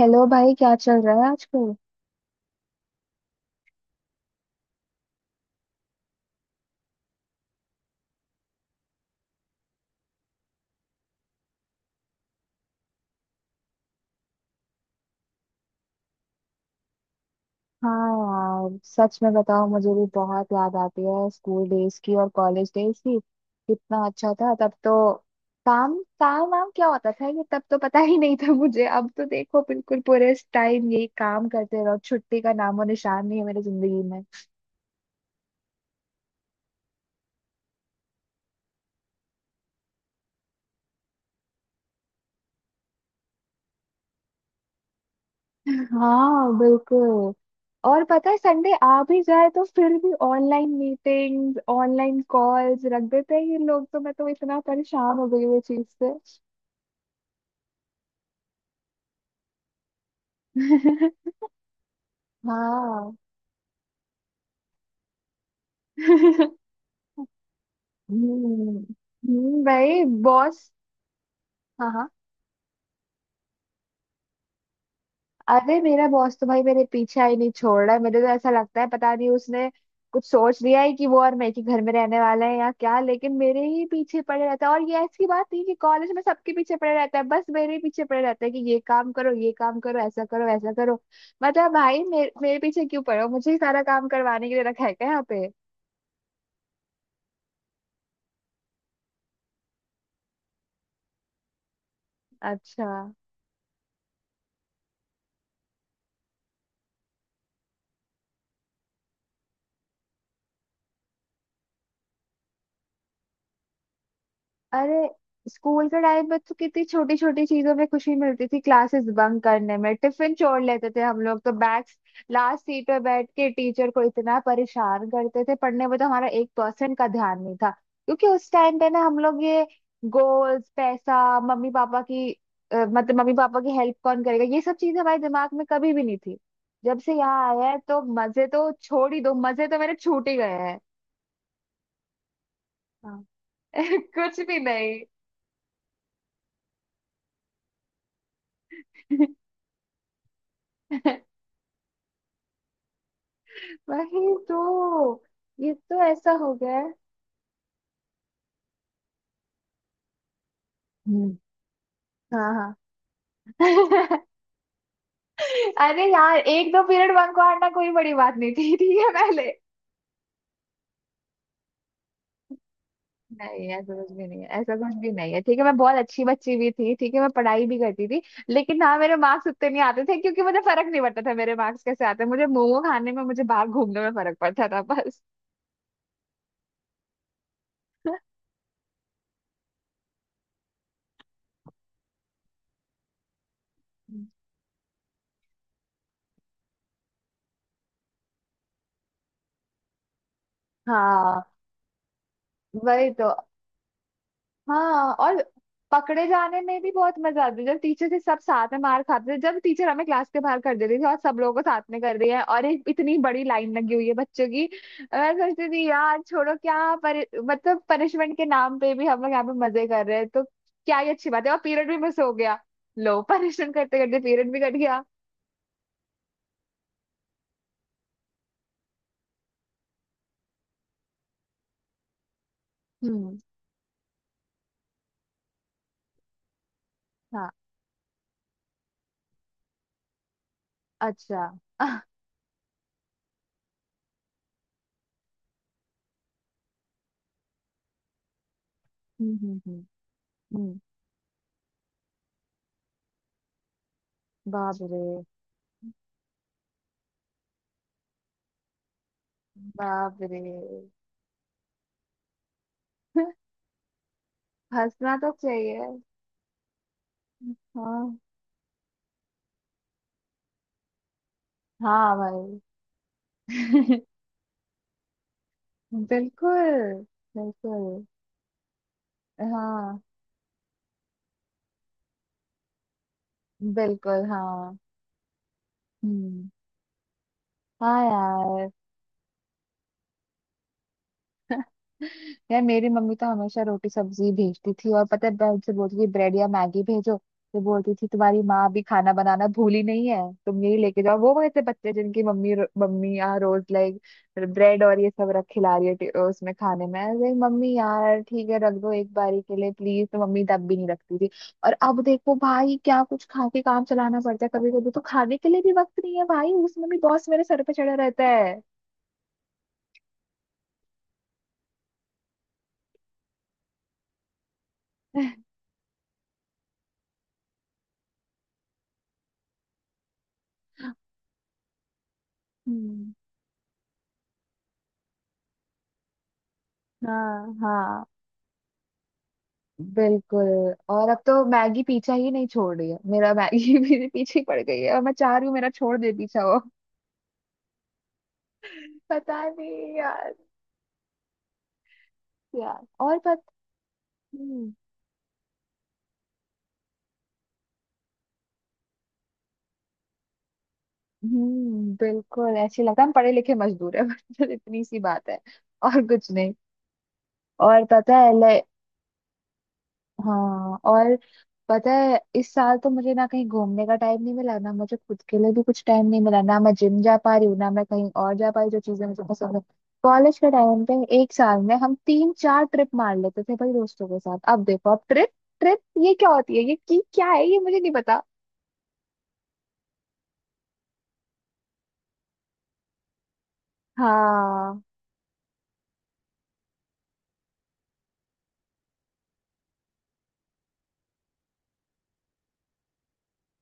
Hello भाई, क्या चल रहा है आजकल? हाँ यार, सच में बताओ, मुझे भी बहुत याद आती है स्कूल डेज की और कॉलेज डेज की। कितना अच्छा था तब तो। काम काम वाम क्या होता था ये, तब तो पता ही नहीं था मुझे। अब तो देखो, बिल्कुल पूरे टाइम यही काम करते रहो, छुट्टी का नामो निशान नहीं है मेरी जिंदगी में। हाँ, बिल्कुल। और पता है, संडे आ भी जाए तो फिर भी ऑनलाइन मीटिंग्स, ऑनलाइन कॉल्स रख देते हैं ये लोग। तो मैं तो इतना परेशान हो गई हूँ इस चीज से। हाँ। हम्म। भाई बॉस। हाँ, हाँ। अरे, मेरा बॉस तो भाई मेरे पीछे ही नहीं छोड़ रहा है। मुझे तो ऐसा लगता है पता नहीं उसने कुछ सोच लिया है कि वो और मैं एक ही घर में रहने वाला है या क्या। लेकिन मेरे ही पीछे पड़े रहता है, और ये ऐसी बात नहीं कि कॉलेज में सबके पीछे पड़े रहता है, बस मेरे ही पीछे पड़े रहता है कि ये काम करो, ये काम करो, ऐसा करो, वैसा करो। मतलब भाई, मेरे मेरे पीछे क्यों पड़े हो, मुझे ही सारा काम करवाने के लिए रखा है क्या यहाँ पे? अच्छा। अरे, स्कूल के टाइम में तो कितनी छोटी छोटी चीजों में खुशी मिलती थी। क्लासेस बंक करने में, टिफिन छोड़ लेते थे हम लोग तो, बैक्स लास्ट सीट पे बैठ के टीचर को इतना परेशान करते थे। पढ़ने में तो हमारा 1% का ध्यान नहीं था। क्योंकि उस टाइम पे ना हम लोग ये गोल्स, पैसा, मम्मी पापा की मतलब मम्मी पापा की हेल्प कौन करेगा, ये सब चीजें हमारे दिमाग में कभी भी नहीं थी। जब से यहाँ आया है तो मजे तो छोड़ ही दो, मजे तो मेरे छूट ही गए हैं। हाँ। कुछ भी नहीं। वही तो। ये तो ऐसा हो गया है। हम्म। हाँ, हाँ। अरे यार, एक दो पीरियड बंक मारना कोई बड़ी बात नहीं थी, ठीक है पहले। नहीं, ऐसा कुछ भी नहीं है, ऐसा कुछ भी नहीं है, ठीक है। मैं बहुत अच्छी बच्ची भी थी, ठीक है, मैं पढ़ाई भी करती थी। लेकिन हाँ, मेरे मार्क्स उतने नहीं आते थे क्योंकि मुझे फर्क नहीं पड़ता था मेरे मार्क्स कैसे आते हैं। मुझे मोमो खाने में, मुझे बाहर घूमने में फर्क पड़ता था बस। हाँ। वही तो। हाँ, और पकड़े जाने में भी बहुत मजा आती है, जब टीचर से सब साथ में मार खाते थे, जब टीचर हमें क्लास के बाहर कर देती थी और सब लोगों को साथ में कर रही है, और एक इतनी बड़ी लाइन लगी हुई है बच्चों की। मैं सोचती थी यार, छोड़ो, क्या परि मतलब पनिशमेंट के नाम पे भी हम लोग यहाँ पे मजे कर रहे हैं, तो क्या ही अच्छी बात है, और पीरियड भी मिस हो गया। लो, पनिशमेंट करते करते पीरियड भी कट गया। हम्म। हाँ। अच्छा। आह, हम्म, हम्म, हम्म, हम्म, बाप रे, बाप रे। हंसना तो चाहिए। हाँ, हाँ भाई। बिल्कुल, बिल्कुल। हाँ, बिल्कुल। हाँ। हम्म। हाँ यार, यार मेरी मम्मी तो हमेशा रोटी सब्जी भेजती थी। और पता है, मैं उनसे बोलती थी ब्रेड या मैगी भेजो। तो बोलती थी, तुम्हारी माँ अभी खाना बनाना भूली नहीं है, तुम यही लेके जाओ। वो वैसे बच्चे जिनकी मम्मी, मम्मी यहाँ रोज लाइक ब्रेड और ये सब रख खिला रही है उसमें खाने में, अरे मम्मी यार ठीक है रख दो एक बारी के लिए प्लीज, तो मम्मी तब भी नहीं रखती थी। और अब देखो भाई, क्या कुछ खा के काम चलाना पड़ता है। कभी कभी तो खाने के लिए भी वक्त नहीं है भाई, उसमें भी बॉस मेरे सर पे चढ़ा रहता है। हम्म। हाँ, हाँ, बिल्कुल। और अब तो मैगी पीछा ही नहीं छोड़ रही है मेरा। मैगी भी पीछे ही पड़ गई है, और मैं चाह रही हूँ मेरा छोड़ दे पीछा वो। पता नहीं यार। यार, और पत हम्म, बिल्कुल ऐसे लगता है हम पढ़े लिखे मजदूर है। बस इतनी सी बात है, और कुछ नहीं। और पता है। हाँ, और पता है, इस साल तो मुझे ना कहीं घूमने का टाइम नहीं मिला, ना मुझे खुद के लिए भी कुछ टाइम नहीं मिला, ना मैं जिम जा पा रही हूँ, ना मैं कहीं और जा पा रही हूँ, जो चीजें मुझे पसंद है। कॉलेज के टाइम पे एक साल में हम तीन चार ट्रिप मार लेते थे भाई, दोस्तों के साथ। अब देखो, अब ट्रिप, ट्रिप, ये क्या होती है, ये की क्या है, ये मुझे नहीं पता। हाँ।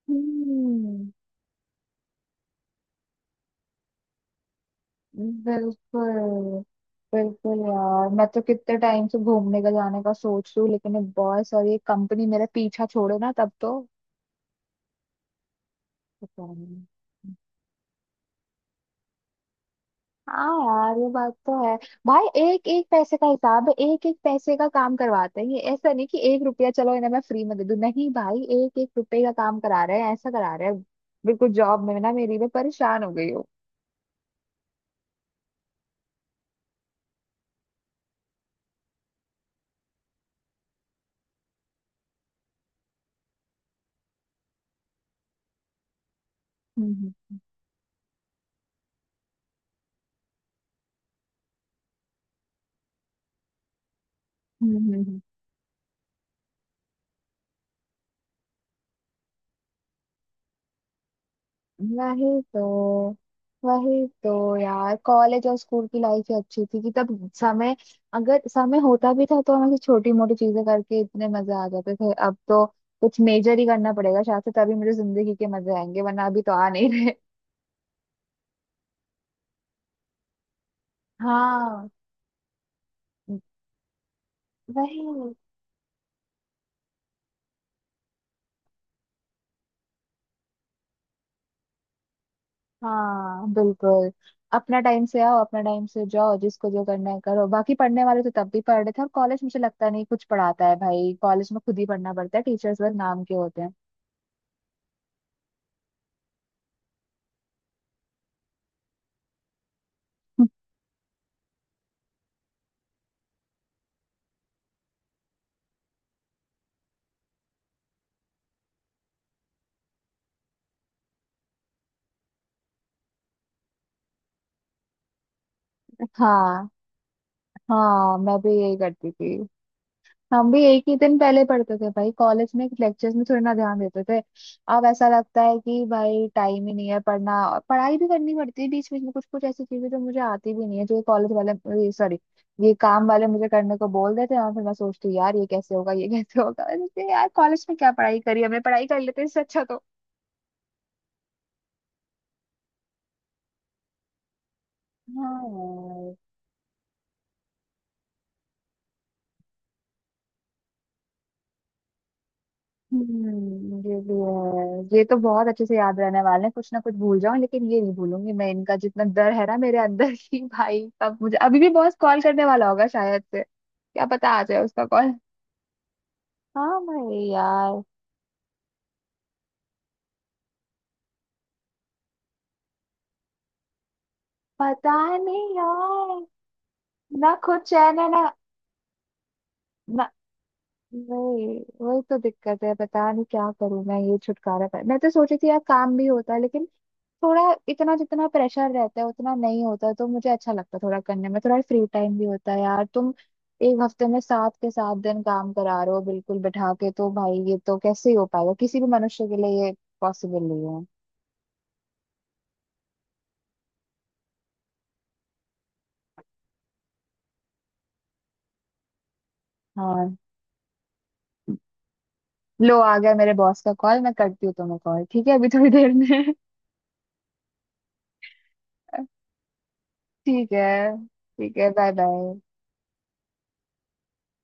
हम्म। बिल्कुल, बिल्कुल यार, मैं तो कितने टाइम से घूमने का, जाने का सोच रही हूँ, लेकिन ये बॉस और ये कंपनी मेरा पीछा छोड़े ना तब तो। पता नहीं। हाँ यार, ये बात तो है। भाई, एक एक पैसे का हिसाब है, एक एक पैसे का काम करवाते हैं ये, ऐसा नहीं कि 1 रुपया चलो इन्हें मैं फ्री में दे दूं। नहीं भाई, एक एक रुपये का काम करा रहे हैं, ऐसा करा रहे हैं। बिल्कुल, जॉब में ना मेरी, मैं परेशान हो गई हूँ। हम्म, हम्म, वही तो। वही तो यार, कॉलेज और स्कूल की लाइफ ही अच्छी थी, कि तब समय अगर समय होता भी था तो हम ऐसी छोटी मोटी चीजें करके इतने मजे आ जाते थे। अब तो कुछ मेजर ही करना पड़ेगा शायद से, तभी मुझे जिंदगी के मजे आएंगे, वरना अभी तो आ नहीं रहे। हाँ, वही। हाँ, बिल्कुल। अपना टाइम से आओ, अपना टाइम से जाओ, जिसको जो करना है करो। बाकी पढ़ने वाले तो तब भी पढ़ रहे थे, और कॉलेज मुझे लगता नहीं कुछ पढ़ाता है भाई, कॉलेज में खुद ही पढ़ना पड़ता है, टीचर्स वर्ग नाम के होते हैं। हाँ, हाँ, मैं भी यही करती थी। हम भी एक ही दिन पहले पढ़ते थे भाई, कॉलेज में लेक्चर्स में थोड़ी ना ध्यान देते थे। अब ऐसा लगता है कि भाई टाइम ही नहीं है पढ़ना, और पढ़ाई भी करनी पड़ती है बीच बीच में, कुछ कुछ ऐसी चीजें जो मुझे आती भी नहीं है, जो कॉलेज वाले, सॉरी, ये काम वाले मुझे करने को बोल देते हैं। और फिर मैं सोचती हूँ, यार ये कैसे होगा, ये कैसे होगा। मैंने कहा, यार कॉलेज में क्या पढ़ाई करी हमने, पढ़ाई कर लेते इससे अच्छा तो। हाँ, हम्म, ये भी है। ये तो बहुत अच्छे से याद रहने वाले हैं, कुछ ना कुछ भूल जाऊं लेकिन ये नहीं भूलूंगी मैं, इनका जितना डर है ना मेरे अंदर। की भाई अब मुझे अभी भी बॉस कॉल करने वाला होगा शायद से, क्या पता आ जाए उसका कॉल। हाँ भाई यार। पता नहीं यार, ना खुद चैन है ना। ना। वही, वही तो दिक्कत है, पता नहीं क्या करूं मैं ये छुटकारा पाया। मैं तो सोची थी यार, काम भी होता है लेकिन थोड़ा, इतना जितना प्रेशर रहता है उतना नहीं होता तो मुझे अच्छा लगता है, थोड़ा करने में थोड़ा फ्री टाइम भी होता है यार। तुम एक हफ्ते में सात के सात दिन काम करा रहे हो बिल्कुल बैठा के, तो भाई ये तो कैसे ही हो पाएगा, किसी भी मनुष्य के लिए ये पॉसिबल नहीं है। हाँ, लो आ गया मेरे बॉस का कॉल। मैं करती हूँ तुम्हें कॉल, ठीक है, अभी थोड़ी देर में। ठीक है, ठीक है, बाय बाय।